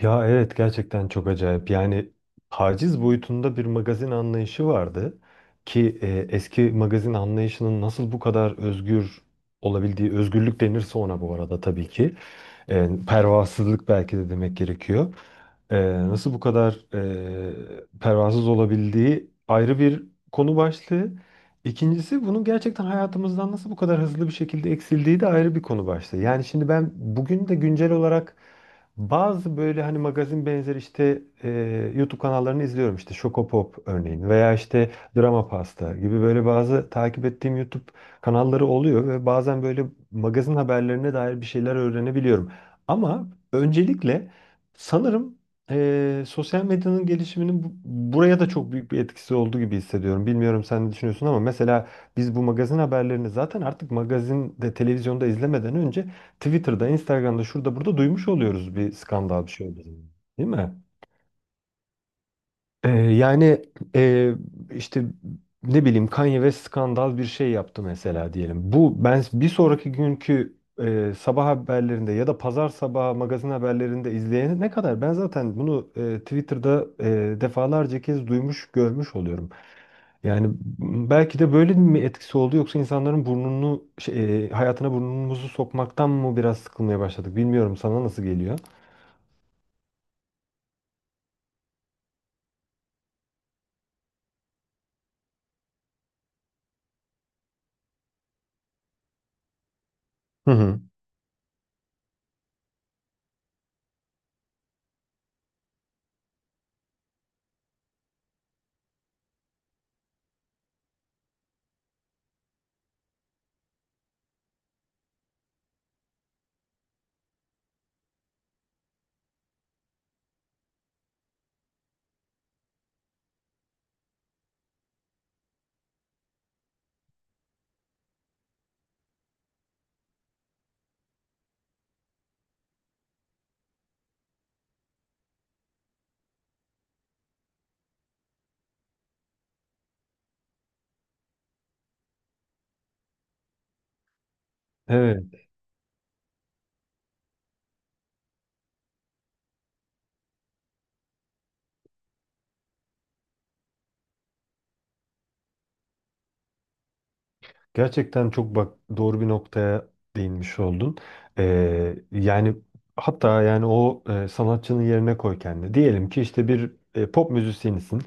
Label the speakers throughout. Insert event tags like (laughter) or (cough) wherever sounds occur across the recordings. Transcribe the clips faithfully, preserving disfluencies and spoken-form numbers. Speaker 1: Ya evet, gerçekten çok acayip. Yani taciz boyutunda bir magazin anlayışı vardı ki e, eski magazin anlayışının nasıl bu kadar özgür olabildiği, özgürlük denirse ona bu arada tabii ki. E, pervasızlık belki de demek gerekiyor. E, Nasıl bu kadar e, pervasız olabildiği ayrı bir konu başlığı. İkincisi, bunun gerçekten hayatımızdan nasıl bu kadar hızlı bir şekilde eksildiği de ayrı bir konu başlığı. Yani şimdi ben bugün de güncel olarak bazı böyle hani magazin benzeri işte e, YouTube kanallarını izliyorum. İşte Şokopop örneğin, veya işte Drama Pasta gibi böyle bazı takip ettiğim YouTube kanalları oluyor ve bazen böyle magazin haberlerine dair bir şeyler öğrenebiliyorum. Ama öncelikle sanırım eee, sosyal medyanın gelişiminin bu- buraya da çok büyük bir etkisi olduğu gibi hissediyorum. Bilmiyorum sen ne düşünüyorsun ama mesela biz bu magazin haberlerini zaten artık magazinde, televizyonda izlemeden önce Twitter'da, Instagram'da, şurada burada duymuş oluyoruz bir skandal bir şey olduğu zaman. Değil mi? Ee, yani e, işte ne bileyim, Kanye West skandal bir şey yaptı mesela diyelim. Bu, ben bir sonraki günkü e, sabah haberlerinde ya da pazar sabahı magazin haberlerinde izleyene ne kadar, ben zaten bunu e, Twitter'da e, defalarca kez duymuş, görmüş oluyorum. Yani m- belki de böyle mi etkisi oldu, yoksa insanların burnunu şey, e, hayatına burnumuzu sokmaktan mı biraz sıkılmaya başladık, bilmiyorum, sana nasıl geliyor? Hı hı. Evet. Gerçekten çok bak doğru bir noktaya değinmiş oldun. Ee, yani hatta yani o e, sanatçının yerine koy kendini. Diyelim ki işte bir e, pop müzisyenisin.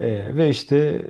Speaker 1: Ee, ve işte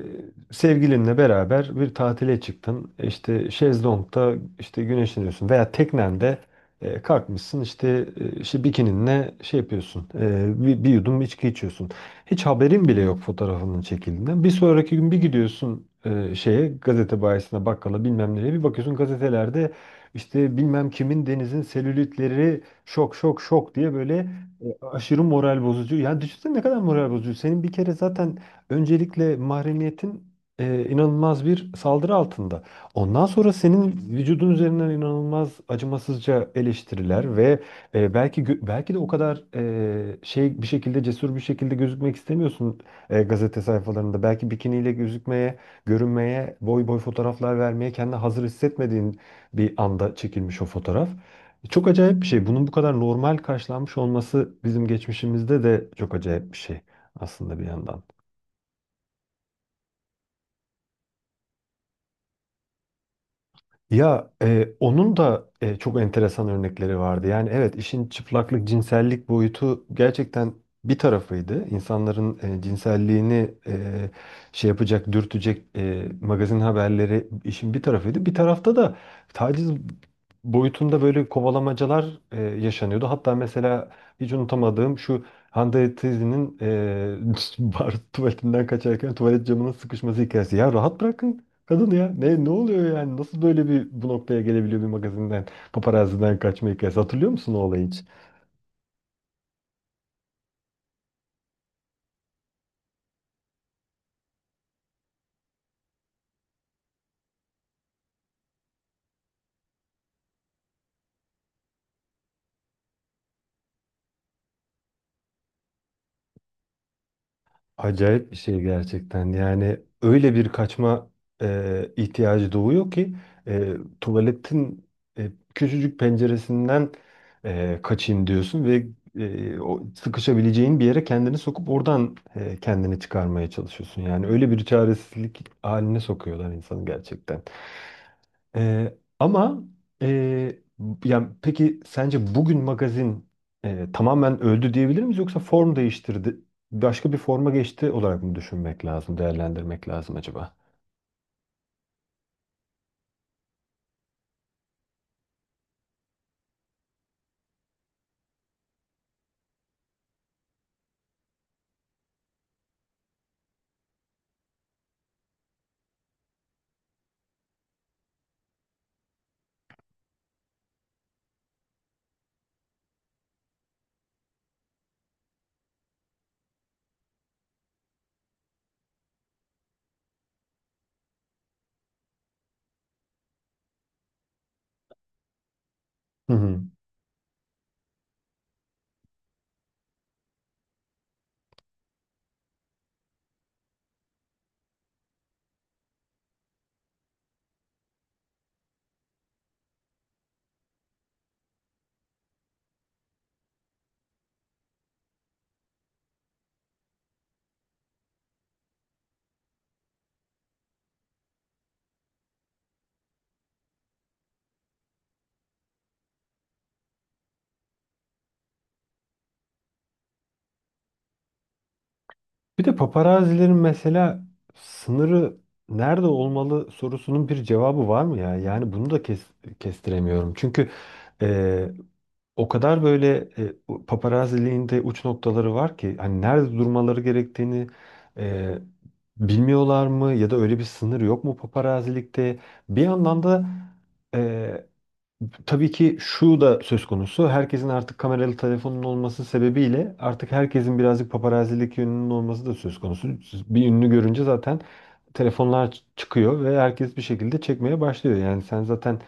Speaker 1: sevgilinle beraber bir tatile çıktın. E, İşte şezlongda işte güneşleniyorsun veya teknende e, kalkmışsın işte, e, işte bikininle şey yapıyorsun. E, bir, bir yudum içki içiyorsun. Hiç haberin bile yok fotoğrafının çekildiğinden. Bir sonraki gün bir gidiyorsun, e, şeye, gazete bayisine, bakkala, bilmem nereye bir bakıyorsun, gazetelerde işte bilmem kimin denizin selülitleri şok şok şok diye böyle, e, aşırı moral bozucu. Yani düşünsene ne kadar moral bozucu. Senin bir kere zaten, öncelikle mahremiyetin e, inanılmaz bir saldırı altında. Ondan sonra senin vücudun üzerinden inanılmaz acımasızca eleştiriler ve e, belki gö- belki de o kadar e, şey bir şekilde cesur bir şekilde gözükmek istemiyorsun e, gazete sayfalarında. Belki bikiniyle gözükmeye, görünmeye, boy boy fotoğraflar vermeye kendini hazır hissetmediğin bir anda çekilmiş o fotoğraf. Çok acayip bir şey. Bunun bu kadar normal karşılanmış olması bizim geçmişimizde de çok acayip bir şey aslında, bir yandan. Ya e, onun da e, çok enteresan örnekleri vardı. Yani evet, işin çıplaklık, cinsellik boyutu gerçekten bir tarafıydı. İnsanların e, cinselliğini e, şey yapacak, dürtecek e, magazin haberleri işin bir tarafıydı. Bir tarafta da taciz boyutunda böyle kovalamacalar e, yaşanıyordu. Hatta mesela hiç unutamadığım şu Hande Tezi'nin e, (laughs) bar tuvaletinden kaçarken tuvalet camının sıkışması hikayesi. Ya rahat bırakın Kadın ya, ne ne oluyor yani, nasıl böyle bir bu noktaya gelebiliyor bir magazinden, paparazziden kaçma hikayesi. Hatırlıyor musun o olayı hiç? Acayip bir şey gerçekten, yani öyle bir kaçma e, ihtiyacı doğuyor ki e, tuvaletin e, küçücük penceresinden e, kaçayım diyorsun ve e, o sıkışabileceğin bir yere kendini sokup oradan e, kendini çıkarmaya çalışıyorsun. Yani öyle bir çaresizlik haline sokuyorlar insanı gerçekten. Ee, ama e, yani peki sence bugün magazin e, tamamen öldü diyebilir miyiz, yoksa form değiştirdi, başka bir forma geçti olarak mı düşünmek lazım, değerlendirmek lazım acaba? Hı hı. Bir de paparazilerin mesela sınırı nerede olmalı sorusunun bir cevabı var mı ya? Yani bunu da kes- kestiremiyorum. Çünkü e, o kadar böyle, e, bu paparazziliğin de uç noktaları var ki, hani nerede durmaları gerektiğini e, bilmiyorlar mı, ya da öyle bir sınır yok mu paparazilikte? Bir yandan da, e, tabii ki şu da söz konusu. Herkesin artık kameralı telefonun olması sebebiyle artık herkesin birazcık paparazilik yönünün olması da söz konusu. Bir ünlü görünce zaten telefonlar ç- çıkıyor ve herkes bir şekilde çekmeye başlıyor. Yani sen zaten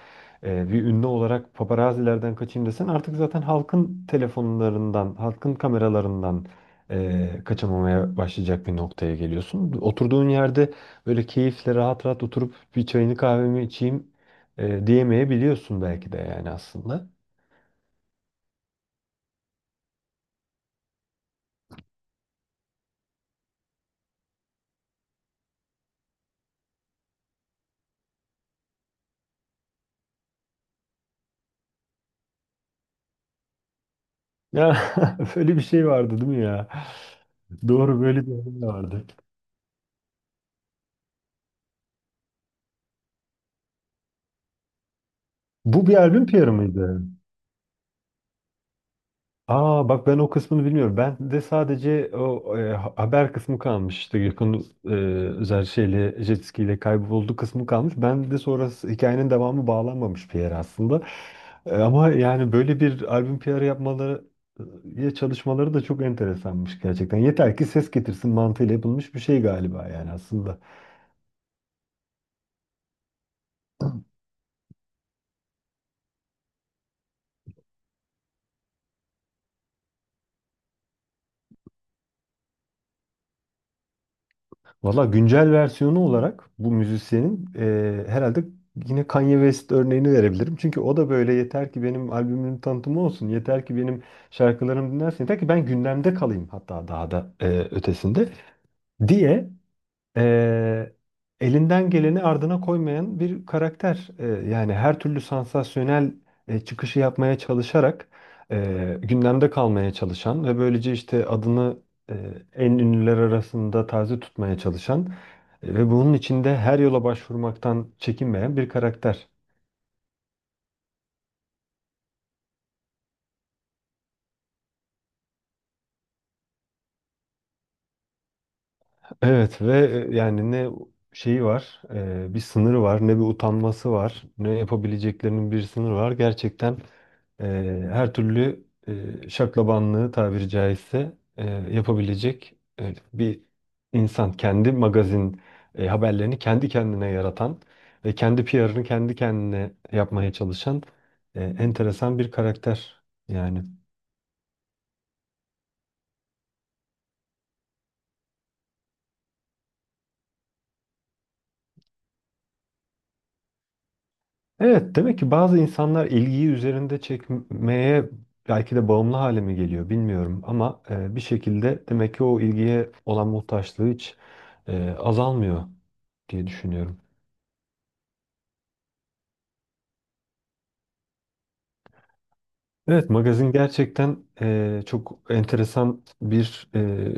Speaker 1: e, bir ünlü olarak paparazilerden kaçayım desen, artık zaten halkın telefonlarından, halkın kameralarından e, kaçamamaya başlayacak bir noktaya geliyorsun. Oturduğun yerde böyle keyifle rahat rahat oturup bir çayını kahvemi içeyim e, diyemeyebiliyorsun belki de, yani aslında. Ya (laughs) böyle bir şey vardı değil mi ya? Doğru, böyle bir şey vardı. Bu bir albüm P R'ı mıydı? Aa, bak ben o kısmını bilmiyorum. Ben de sadece o e, ha- haber kısmı kalmıştı. Gökhan e, özel şeyle jet ski kayboldu kısmı kalmış. Ben de sonrası, hikayenin devamı bağlanmamış bir yer aslında. E, ama yani böyle bir albüm P R'ı yapmaları, e, ya çalışmaları da çok enteresanmış gerçekten. Yeter ki ses getirsin mantığıyla yapılmış bir şey galiba yani aslında. Valla güncel versiyonu olarak bu müzisyenin eee, herhalde yine Kanye West örneğini verebilirim. Çünkü o da böyle, yeter ki benim albümümün tanıtımı olsun, yeter ki benim şarkılarım dinlensin, yeter ki ben gündemde kalayım, hatta daha da eee, ötesinde diye eee, elinden geleni ardına koymayan bir karakter. Eee, yani her türlü sansasyonel e, çıkışı yapmaya çalışarak eee, gündemde kalmaya çalışan ve böylece işte adını e, en ünlüler arasında taze tutmaya çalışan e, ve bunun içinde her yola başvurmaktan çekinmeyen bir karakter. Evet, ve e, yani ne şeyi var, e, bir sınırı var, ne bir utanması var, ne yapabileceklerinin bir sınırı var. Gerçekten e, her türlü e, şaklabanlığı tabiri caizse e, yapabilecek e, bir insan. Kendi magazin e, haberlerini kendi kendine yaratan ve kendi P R'ını kendi kendine yapmaya çalışan e, enteresan bir karakter yani. Evet, demek ki bazı insanlar ilgiyi üzerinde çekmeye belki de bağımlı hale mi geliyor bilmiyorum, ama e, bir şekilde demek ki o ilgiye olan muhtaçlığı hiç e, azalmıyor diye düşünüyorum. Evet, magazin gerçekten e, çok enteresan bir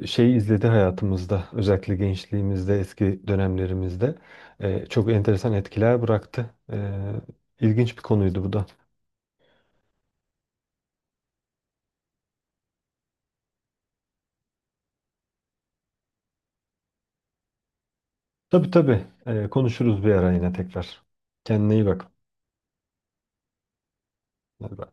Speaker 1: e, şey izledi hayatımızda. Özellikle gençliğimizde, eski dönemlerimizde e, çok enteresan etkiler bıraktı. E, ilginç bir konuydu bu da. Tabii tabii, e, konuşuruz bir ara yine tekrar. Kendine iyi bak. Hadi